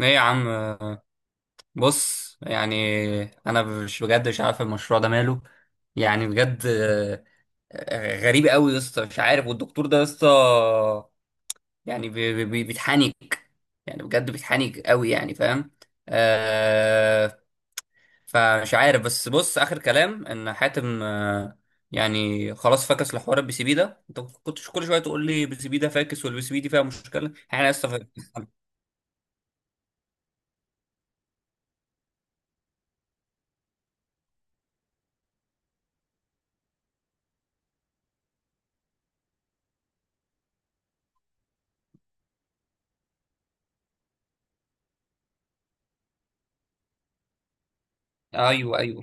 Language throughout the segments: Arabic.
ايه يا عم. بص، يعني انا مش، بجد مش عارف المشروع ده ماله. يعني بجد غريب قوي يا اسطى، مش عارف. والدكتور ده يا اسطى يعني بيتحنك، يعني بجد بيتحنك قوي، يعني فاهم. آه فمش عارف. بس بص، اخر كلام ان حاتم، يعني خلاص فكس لحوار البي سي بي ده. انت كنتش كل شويه تقول لي البي سي بي ده فاكس، والبي سي بي دي فيها مشكله، احنا لسه فاكس. ايوه، ايوه.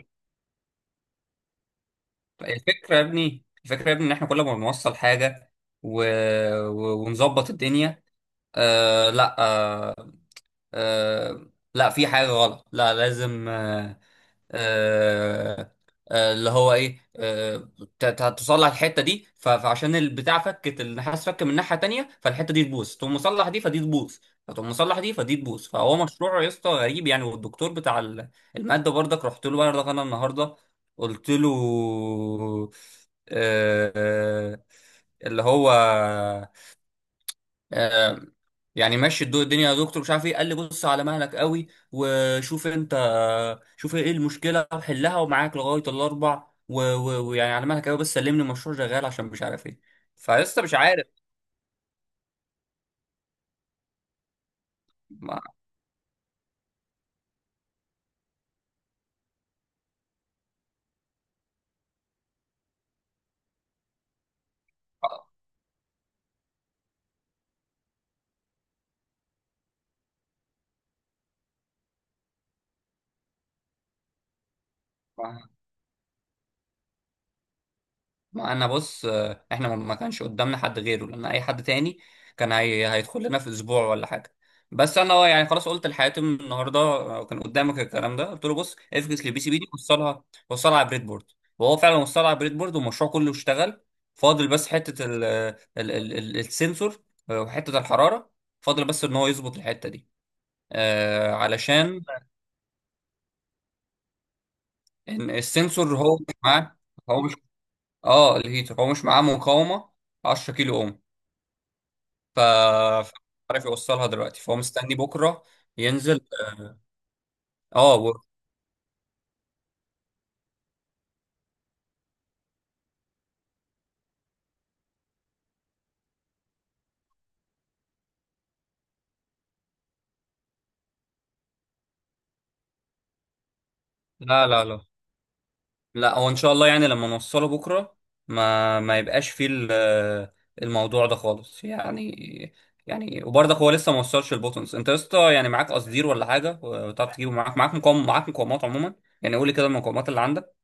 الفكرة يا ابني، الفكرة يا ابني، ان احنا كل ما بنوصل حاجة و... ونظبط الدنيا. آه لا آه آه لا، في حاجة غلط، لا لازم. آه، اللي هو ايه، تصلح الحته دي فعشان البتاع فكت النحاس، فك من ناحيه تانيه، فالحته دي تبوظ، تقوم مصلح دي فدي تبوظ، فتقوم مصلح دي فدي تبوظ. فهو مشروع يا اسطى غريب يعني. والدكتور بتاع الماده برضك، رحت له برضك انا النهارده. قلت له آه، آه، اللي هو آه، يعني ماشي الدنيا يا دكتور، مش عارف ايه. قال لي بص على مهلك قوي وشوف انت، شوف ايه المشكله وحلها، ومعاك لغايه الاربع ويعني على مهلك قوي بس سلمني المشروع شغال، عشان مش عارف ايه. فلسه مش عارف. ما ما انا بص، احنا ما كانش قدامنا حد غيره، لان اي حد تاني كان هيدخل لنا في اسبوع ولا حاجه. بس انا يعني خلاص قلت لحاتم النهارده، كان قدامك الكلام ده، قلت له بص افكس للبي سي بي دي، وصلها، على بريد بورد. وهو فعلا وصلها على بريد بورد، والمشروع كله اشتغل. فاضل بس حته ال... السنسور، وحته الحراره. فاضل بس ان هو يظبط الحته دي، علشان إن السنسور هو مش معاه. هو مش، اه الهيتر هو مش معاه مقاومه 10 كيلو اوم. ف ف- عارف يوصلها دلوقتي، فهو مستني بكره ينزل. اه و... لا، لا، لا، لا، هو ان شاء الله يعني لما نوصله بكره ما يبقاش فيه الموضوع ده خالص يعني. يعني وبرضك هو لسه ما وصلش البوتنز. انت يا اسطى يعني معاك قصدير ولا حاجه؟ وتعرف تجيبه معاك مقاوم، معاك مقاومات عموما. يعني قول لي كده المقاومات اللي عندك.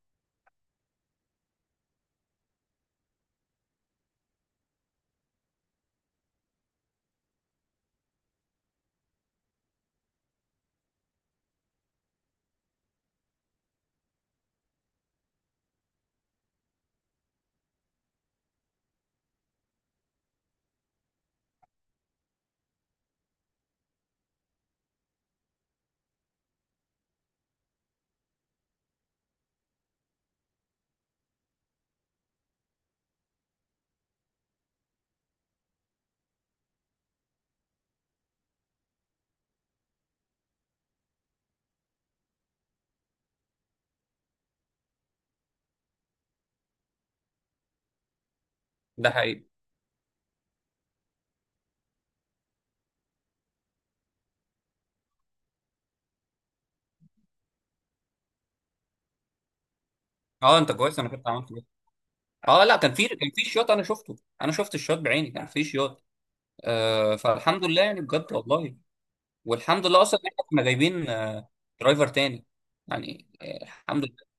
ده حقيقي. اه انت كويس، انا كنت عملت كده. اه لا، كان في شياط، انا شفته. انا شفت الشياط بعيني، كان في شياط. فالحمد لله، يعني بجد والله. والحمد لله اصلا إن احنا كنا جايبين درايفر تاني، يعني الحمد لله.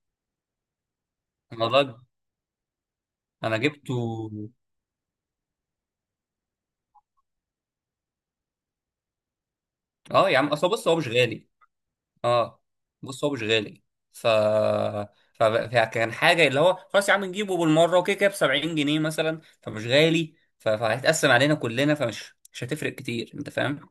انا راجل، انا جبته. اه يا عم، اصل بص هو مش غالي. اه بص هو مش غالي، ف... فكان حاجه، اللي هو خلاص يا عم نجيبه بالمره، وكده كده ب 70 جنيه مثلا، فمش غالي. فهيتقسم علينا كلنا، فمش مش هتفرق كتير، انت فاهم؟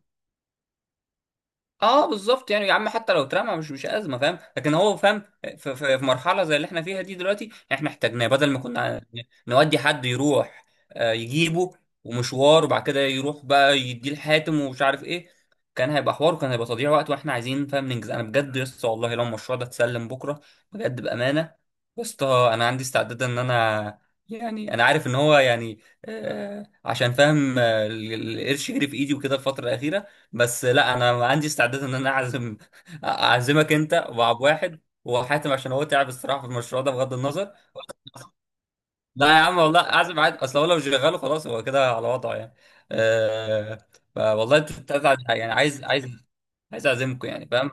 اه بالظبط. يعني يا عم حتى لو اترمى مش ازمه، فاهم؟ لكن هو فاهم في مرحله زي اللي احنا فيها دي دلوقتي يعني، احنا احتاجناه. بدل ما كنا نودي حد يروح يجيبه ومشوار، وبعد كده يروح بقى يديه الحاتم ومش عارف ايه، كان هيبقى حوار، وكان هيبقى تضييع وقت، واحنا عايزين فاهم ننجز. انا بجد يا اسطى، والله لو المشروع ده اتسلم بكره، بجد بامانه يا اسطى، انا عندي استعداد ان انا، يعني انا عارف ان هو يعني، عشان فاهم، القرش يجري في ايدي وكده الفتره الاخيره. بس لا، انا عندي استعداد ان انا اعزم اعزمك انت وعب واحد وحاتم، عشان هو تعب الصراحه في المشروع ده، بغض النظر. لا يا عم والله، اعزم عادي. اصل هو لو شغاله خلاص هو كده على وضعه يعني. أه والله انت. أنت عايز- يعني عايز عايز عايز اعزمكم يعني، فاهم؟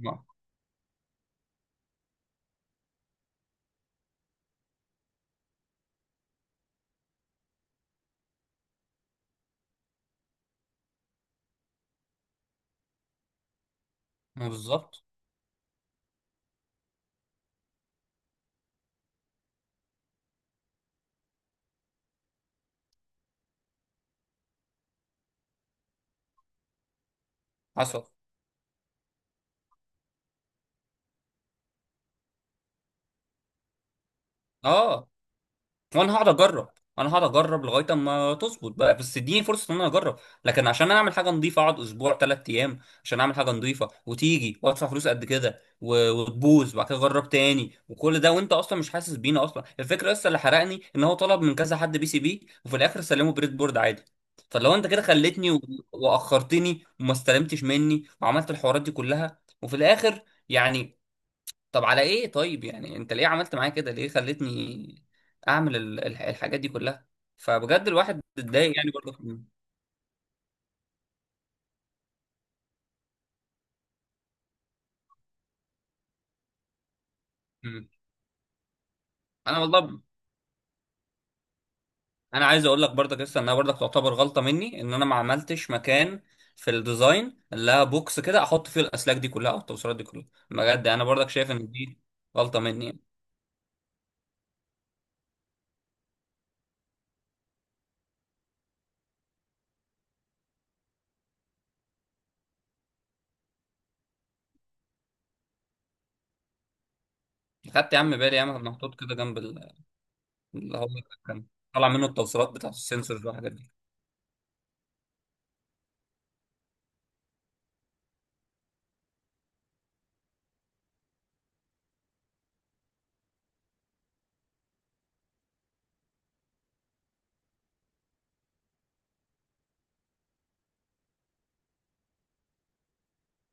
ما ما بالظبط. حصل. اه، وانا هقعد اجرب، لغايه اما تظبط بقى، بس اديني فرصه ان انا اجرب. لكن عشان انا اعمل حاجه نظيفه، اقعد اسبوع ثلاث ايام عشان اعمل حاجه نظيفه، وتيجي وادفع فلوس قد كده وتبوظ، وبعد كده اجرب تاني، وكل ده وانت اصلا مش حاسس بينا. اصلا الفكره لسه اللي حرقني، ان هو طلب من كذا حد بي سي بي، وفي الاخر سلمه بريد بورد عادي. فلو انت كده خليتني واخرتني، وما استلمتش مني، وعملت الحوارات دي كلها، وفي الاخر يعني، طب على ايه؟ طيب يعني انت ليه عملت معايا كده؟ ليه خلتني اعمل الحاجات دي كلها؟ فبجد الواحد اتضايق يعني، برضك م- م. انا والله، انا عايز اقول لك برضك، لسه انها برضك تعتبر غلطه مني، ان انا ما عملتش مكان في الديزاين، لا بوكس كده احط فيه الاسلاك دي كلها، او التوصيلات دي كلها. بجد انا برضك شايف ان دي غلطه مني يعني. خدت يا عم بالي، يا عم محطوط كده جنب اللي هو، كان طالع منه التوصيلات بتاعت السنسورز والحاجات دي.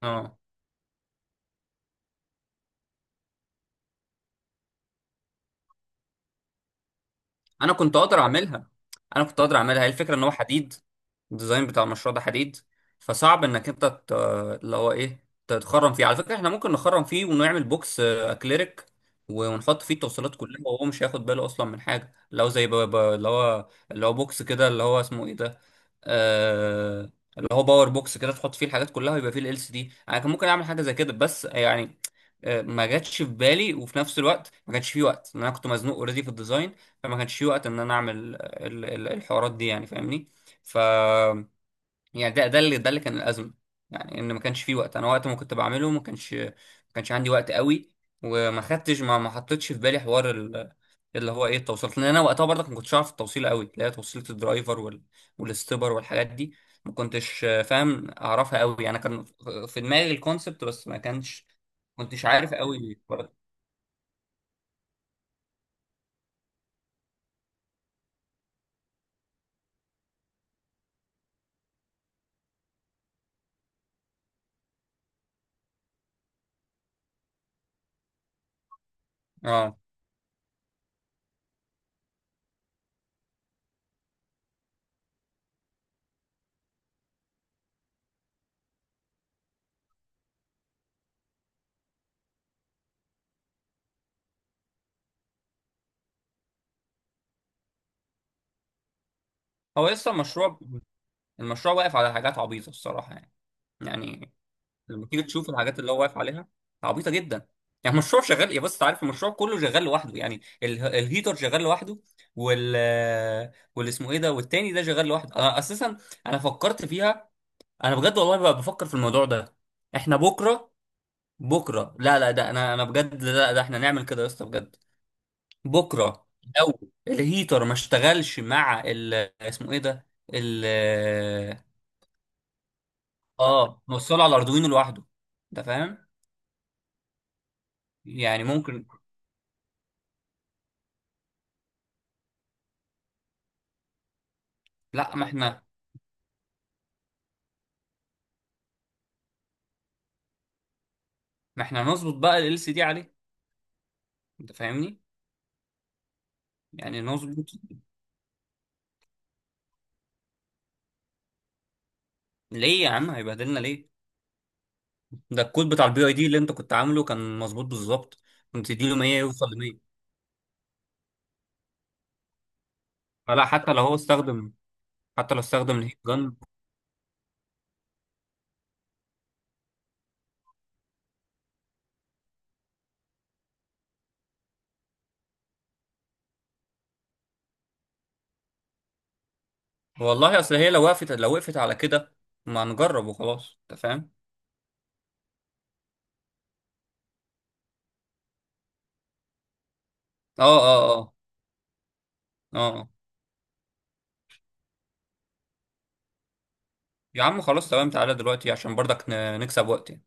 اه، انا كنت اقدر اعملها، هي الفكره ان هو حديد، الديزاين بتاع المشروع ده حديد، فصعب انك انت اللي هو ايه، تتخرم فيه. على فكره، احنا ممكن نخرم فيه ونعمل بوكس اكليريك، ونحط فيه التوصيلات كلها، وهو مش هياخد باله اصلا من حاجه. لو زي اللي هو بوكس كده، اللي هو اسمه ايه ده، آه اللي هو باور بوكس كده، تحط فيه الحاجات كلها، ويبقى فيه ال سي دي. انا كان ممكن اعمل حاجه زي كده، بس يعني ما جاتش في بالي، وفي نفس الوقت ما كانش فيه وقت، لأن انا كنت مزنوق اوريدي في الديزاين. فما كانش في وقت ان انا اعمل الحوارات دي يعني، فاهمني؟ ف يعني ده، ده اللي كان الازمه. يعني ان ما كانش في وقت. انا وقت ما كنت بعمله ما كانش عندي وقت قوي، وما خدتش، ما حطيتش في بالي حوار اللي هو ايه، التوصيلات، لان انا وقتها برضك ما كنتش عارف التوصيل قوي، اللي هي توصيله الدرايفر والاستبر والحاجات دي. ما كنتش فاهم اعرفها قوي. انا كان في دماغي الكونسبت بس، ما كانش، ما كنتش عارف قوي برضه. اه، هو لسه المشروع، واقف على حاجات عبيطه الصراحه يعني. يعني لما تيجي تشوف الحاجات اللي هو واقف عليها عبيطه جدا. يعني المشروع شغال، يا بص انت عارف المشروع كله شغال لوحده، يعني الهيتر شغال لوحده، وال واللي اسمه ايه ده والتاني ده شغال لوحده. انا اساسا انا فكرت فيها، انا بجد والله بقى بفكر في الموضوع ده. احنا بكره، لا لا، ده انا، بجد لا، ده احنا نعمل كده يا اسطى، بجد. بكره لو الهيتر ما اشتغلش مع ال، اسمه ايه ده، ال، اه موصله على الاردوينو لوحده، انت فاهم؟ يعني ممكن. لا ما احنا، نظبط بقى ال سي دي عليه، انت فاهمني؟ يعني نظبط. ليه يا عم هيبهدلنا ليه؟ ده الكود بتاع البي اي دي اللي انت كنت عامله كان مظبوط بالظبط، كنت تديله 100 يوصل ل 100. فلا، حتى لو استخدم الهيت جن. والله اصل هي لو وقفت، على كده ما نجرب وخلاص، انت فاهم؟ اه، اه، اه، اه، يا عم خلاص تمام، تعالى دلوقتي عشان برضك نكسب وقت يعني.